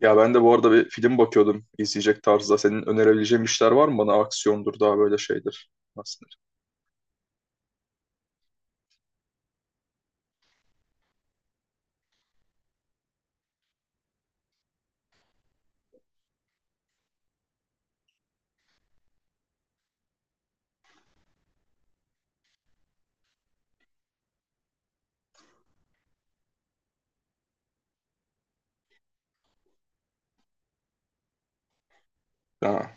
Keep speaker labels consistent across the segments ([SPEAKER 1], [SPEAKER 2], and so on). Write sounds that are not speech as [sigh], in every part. [SPEAKER 1] Ya ben de bu arada bir film bakıyordum izleyecek tarzda. Senin önerebileceğin işler var mı bana? Aksiyondur daha böyle şeydir. Nasıl? Denir? Ha.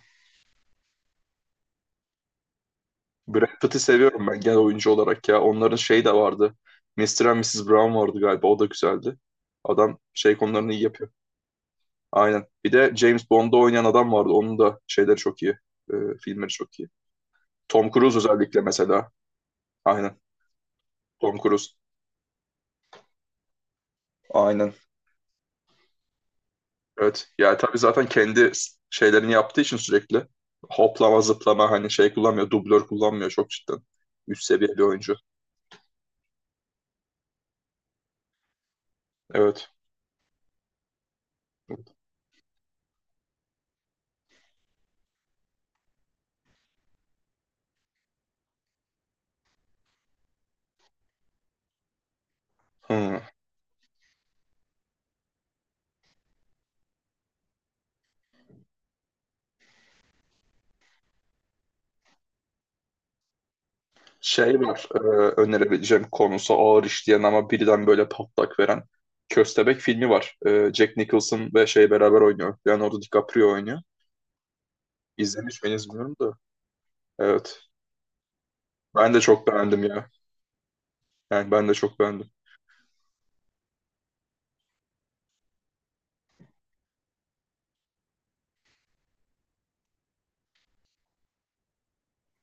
[SPEAKER 1] Brad Pitt'i seviyorum ben genel oyuncu olarak ya. Onların şey de vardı. Mr. and Mrs. Brown vardı galiba. O da güzeldi. Adam şey konularını iyi yapıyor. Aynen. Bir de James Bond'da oynayan adam vardı. Onun da şeyleri çok iyi. Ee, filmleri çok iyi. Tom Cruise özellikle mesela. Aynen. Tom Cruise. Aynen. Evet. Yani tabii zaten kendi şeylerini yaptığı için sürekli hoplama zıplama hani şey kullanmıyor. Dublör kullanmıyor çok cidden. Üst seviye bir oyuncu. Evet. Hmm. Şey var önerebileceğim konusu ağır işleyen ama birden böyle patlak veren Köstebek filmi var. E, Jack Nicholson ve şey beraber oynuyor. Leonardo DiCaprio oynuyor. İzlemiş miydiniz bilmiyorum da. Evet. Ben de çok beğendim ya. Yani ben de çok beğendim.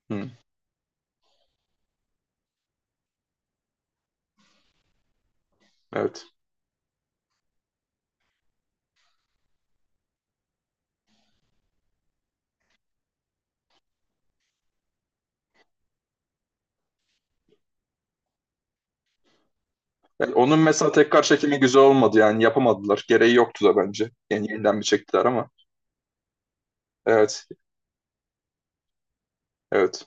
[SPEAKER 1] Hmm. Evet. Yani onun mesela tekrar çekimi güzel olmadı yani yapamadılar. Gereği yoktu da bence. Yani yeniden bir çektiler ama. Evet, evet.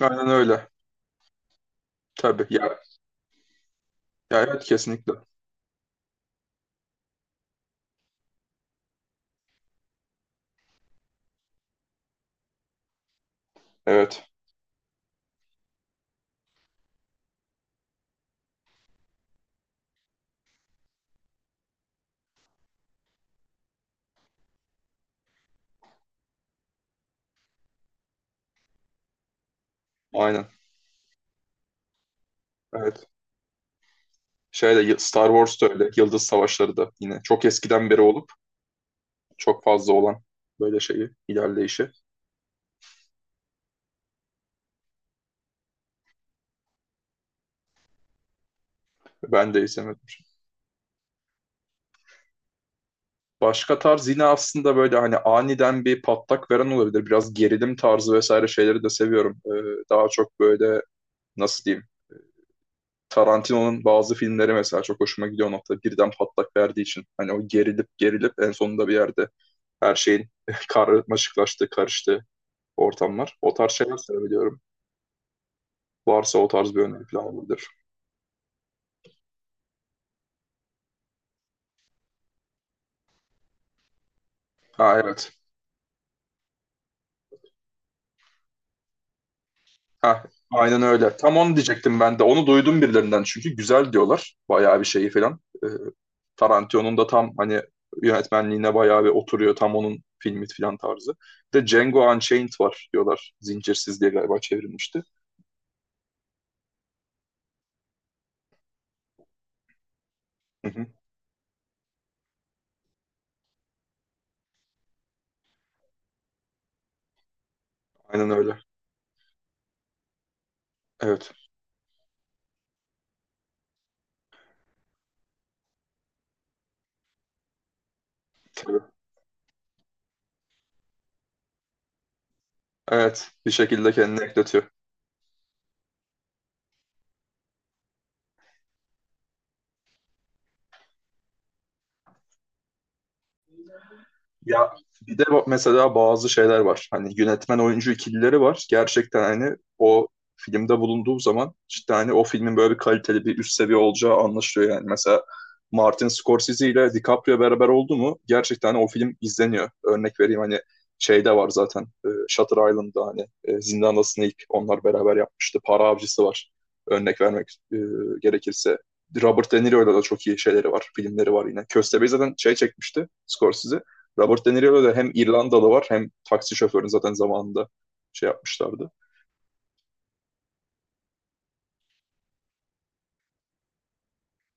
[SPEAKER 1] Aynen öyle. Tabii. Ya, ya evet kesinlikle. Evet. Aynen. Evet. Şey de Star Wars da öyle. Yıldız Savaşları da yine çok eskiden beri olup çok fazla olan böyle şeyi, ilerleyişi. Ben de izlemedim. Başka tarz yine aslında böyle hani aniden bir patlak veren olabilir. Biraz gerilim tarzı vesaire şeyleri de seviyorum. Daha çok böyle nasıl diyeyim Tarantino'nun bazı filmleri mesela çok hoşuma gidiyor o noktada. Birden patlak verdiği için. Hani o gerilip gerilip en sonunda bir yerde her şeyin [laughs] karmaşıklaştığı, karıştığı ortamlar. O tarz şeyler sevebiliyorum. Varsa o tarz bir öneri falan olabilir. Ha evet. Ha aynen öyle. Tam onu diyecektim ben de. Onu duydum birilerinden çünkü güzel diyorlar. Bayağı bir şeyi falan. Tarantino'nun da tam hani yönetmenliğine bayağı bir oturuyor. Tam onun filmi falan tarzı. Bir de Django Unchained var diyorlar. Zincirsiz diye galiba çevrilmişti. Aynen öyle. Evet. Tabii. Evet. Bir şekilde kendini ekletiyor. Ya bir de mesela bazı şeyler var. Hani yönetmen oyuncu ikilileri var. Gerçekten hani o filmde bulunduğu zaman işte hani o filmin böyle bir kaliteli bir üst seviye olacağı anlaşılıyor yani. Mesela Martin Scorsese ile DiCaprio beraber oldu mu gerçekten hani o film izleniyor. Örnek vereyim hani şeyde var zaten Shutter Island'da hani Zindan Snake onlar beraber yapmıştı. Para Avcısı var örnek vermek gerekirse. Robert De Niro'yla da çok iyi şeyleri var, filmleri var yine. Köstebeği zaten şey çekmişti, Scorsese. Robert De Niro da hem İrlandalı var hem taksi şoförünü zaten zamanında şey yapmışlardı.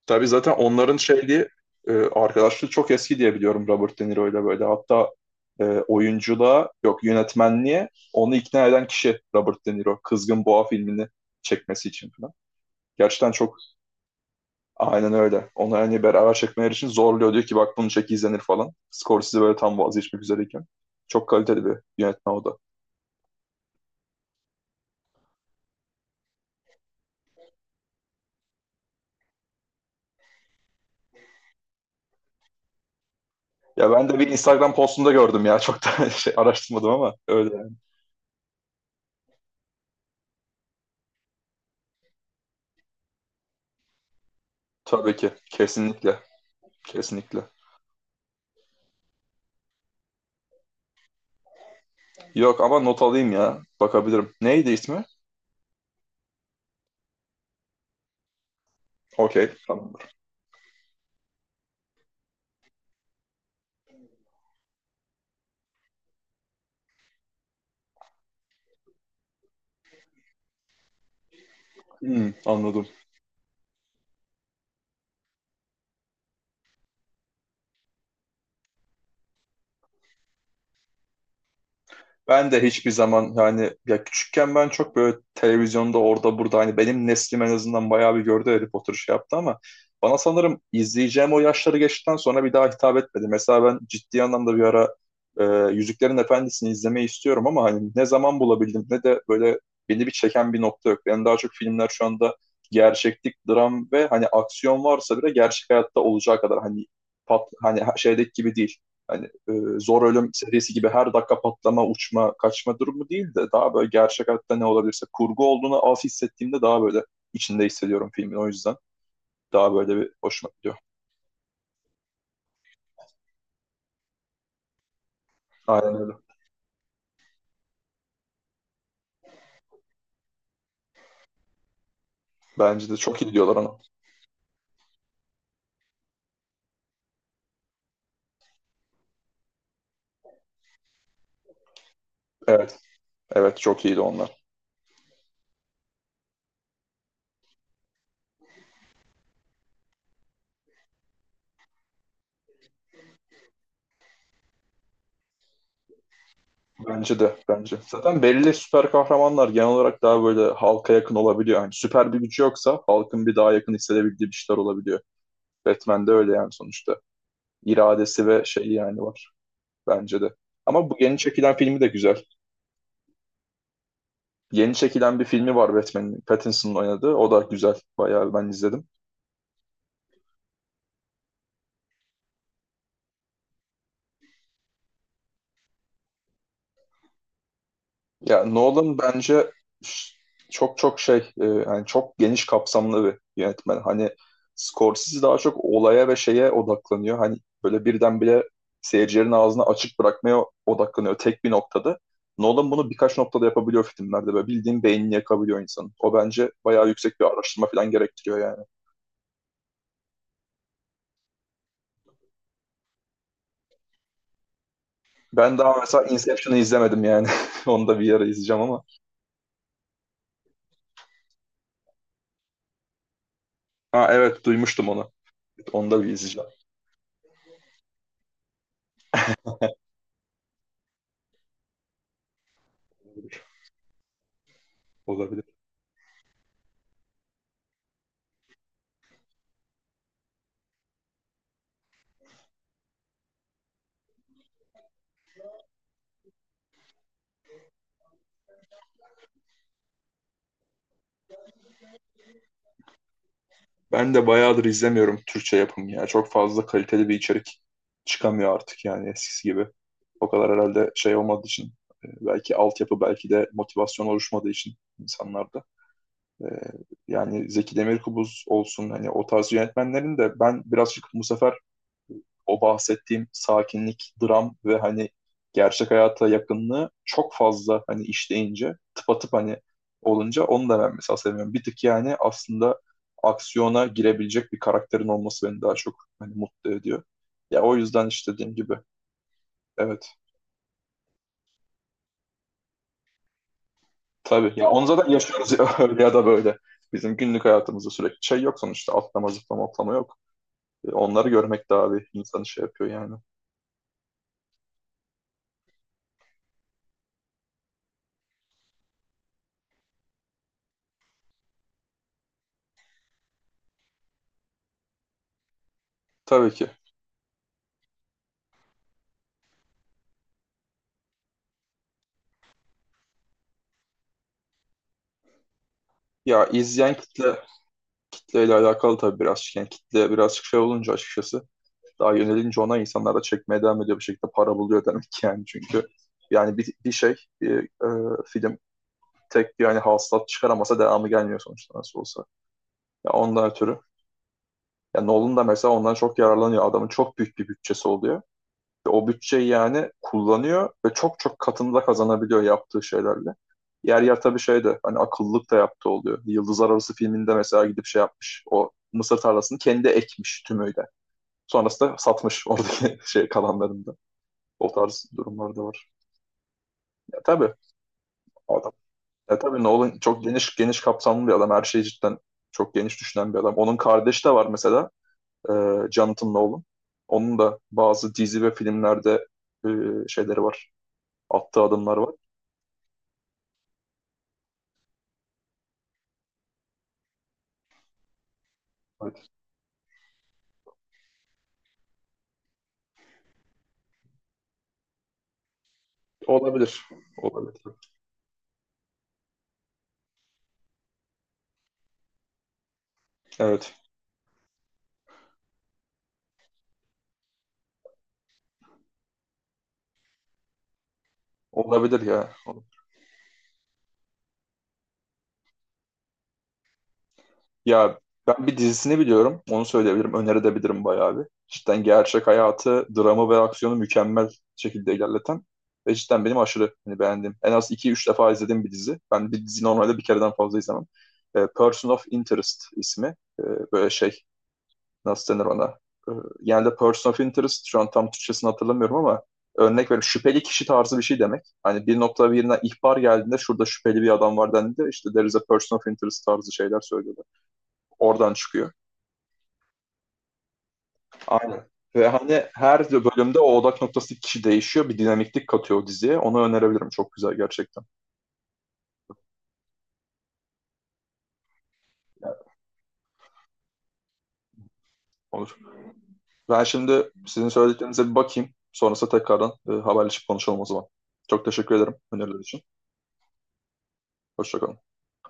[SPEAKER 1] Tabii zaten onların şeydi arkadaşlığı çok eski diye biliyorum Robert De Niro ile böyle. Hatta oyunculuğa yok yönetmenliğe onu ikna eden kişi Robert De Niro. Kızgın Boğa filmini çekmesi için falan. Gerçekten çok aynen öyle. Onu hani beraber çekmeleri için zorluyor. Diyor ki bak bunu çek izlenir falan. Scorsese böyle tam vazgeçmek üzereyken. Çok kaliteli bir yönetmen o da. Ya ben de bir Instagram postunda gördüm ya. Çok da [laughs] şey araştırmadım ama öyle. Yani. Tabii ki. Kesinlikle. Kesinlikle. Yok ama not alayım ya. Bakabilirim. Neydi ismi? Okey. Tamamdır. Hmm, anladım. Ben de hiçbir zaman yani ya küçükken ben çok böyle televizyonda orada burada hani benim neslim en azından bayağı bir gördü Harry Potter şey yaptı ama bana sanırım izleyeceğim o yaşları geçtikten sonra bir daha hitap etmedi. Mesela ben ciddi anlamda bir ara e, Yüzüklerin Efendisi'ni izlemeyi istiyorum ama hani ne zaman bulabildim ne de böyle beni bir çeken bir nokta yok. Yani daha çok filmler şu anda gerçeklik, dram ve hani aksiyon varsa bile gerçek hayatta olacağı kadar hani pat, hani şeydeki gibi değil hani zor ölüm serisi gibi her dakika patlama, uçma, kaçma durumu değil de daha böyle gerçek hayatta ne olabilirse kurgu olduğunu az hissettiğimde daha böyle içinde hissediyorum filmin o yüzden. Daha böyle bir hoşuma gidiyor. Aynen öyle. Bence de çok iyi diyorlar ona. Evet. Evet çok iyiydi onlar. Bence de. Bence. Zaten belli süper kahramanlar genel olarak daha böyle halka yakın olabiliyor. Yani süper bir gücü yoksa halkın bir daha yakın hissedebildiği bir şeyler olabiliyor. Batman'de öyle yani sonuçta. İradesi ve şeyi yani var. Bence de. Ama bu yeni çekilen filmi de güzel. Yeni çekilen bir filmi var Batman'in. Pattinson'ın oynadığı. O da güzel. Bayağı ben izledim. Ya Nolan bence ş- çok çok şey yani çok geniş kapsamlı bir yönetmen. Hani Scorsese daha çok olaya ve şeye odaklanıyor. Hani böyle birdenbire seyircilerin ağzını açık bırakmaya odaklanıyor tek bir noktada. Nolan bunu birkaç noktada yapabiliyor filmlerde ve bildiğin beynini yakabiliyor insanın. O bence bayağı yüksek bir araştırma falan gerektiriyor yani. Ben daha mesela Inception'ı izlemedim yani. [laughs] Onu da bir ara izleyeceğim ama. Ha evet duymuştum onu. Onu da bir izleyeceğim. Olabilir. Olabilir. Ben de bayağıdır izlemiyorum Türkçe yapım ya. Çok fazla kaliteli bir içerik çıkamıyor artık yani eskisi gibi. O kadar herhalde şey olmadığı için belki altyapı belki de motivasyon oluşmadığı için insanlarda. E, yani Zeki Demirkubuz olsun hani o tarz yönetmenlerin de ben birazcık bu sefer o bahsettiğim sakinlik, dram ve hani gerçek hayata yakınlığı çok fazla hani işleyince tıpatıp hani olunca onu da ben mesela sevmiyorum. Bir tık yani aslında aksiyona girebilecek bir karakterin olması beni daha çok hani mutlu ediyor. Ya o yüzden işte dediğim gibi evet tabii ya onu zaten yaşıyoruz ya [laughs] öyle ya da böyle. Bizim günlük hayatımızda sürekli şey yok sonuçta atlama zıplama atlama yok. E, onları görmek daha bir insanı şey yapıyor yani. Tabii ki. Ya izleyen kitle kitleyle alakalı tabii birazcık. Yani kitle birazcık şey olunca açıkçası daha yönelince ona insanlar da çekmeye devam ediyor bir şekilde para buluyor demek ki yani çünkü yani bir şey bir, film tek bir yani hasılat çıkaramasa devamı gelmiyor sonuçta nasıl olsa. Ya ondan ötürü. Ya Nolan da mesela ondan çok yararlanıyor. Adamın çok büyük bir bütçesi oluyor. O bütçeyi yani kullanıyor ve çok çok katında kazanabiliyor yaptığı şeylerle. Yer yer tabii şey de hani akıllılık da yaptığı oluyor. Yıldızlar Arası filminde mesela gidip şey yapmış. O mısır tarlasını kendi ekmiş tümüyle. Sonrasında satmış [laughs] oradaki şey kalanlarında. O tarz durumlar da var. Ya tabii adam. Ya tabii Nolan çok geniş geniş kapsamlı bir adam. Her şeyi cidden çok geniş düşünen bir adam. Onun kardeşi de var mesela. E, Jonathan Nolan. Onun da bazı dizi ve filmlerde e, şeyleri var. Attığı adımlar var. Evet. Olabilir. Olabilir. Evet. Olabilir ya. Ya ben bir dizisini biliyorum. Onu söyleyebilirim. Önerebilirim bayağı bir. Cidden gerçek hayatı, dramı ve aksiyonu mükemmel şekilde ilerleten ve cidden benim aşırı hani beğendiğim. En az iki üç defa izlediğim bir dizi. Ben bir dizi normalde bir kereden fazla izlemem. E, Person of Interest ismi. E, böyle şey nasıl denir ona? E, yani de person of interest şu an tam Türkçesini hatırlamıyorum ama örnek verip şüpheli kişi tarzı bir şey demek. Hani bir nokta birine ihbar geldiğinde şurada şüpheli bir adam var dendiğinde işte there is a person of interest tarzı şeyler söylüyorlar. Oradan çıkıyor. Aynen. Ve hani her bölümde o odak noktası kişi değişiyor. Bir dinamiklik katıyor o diziye. Onu önerebilirim. Çok güzel gerçekten. Olur. Ben şimdi sizin söylediklerinize bir bakayım. Sonrasında tekrardan haberleşip konuşalım o zaman. Çok teşekkür ederim öneriler için. Hoşçakalın.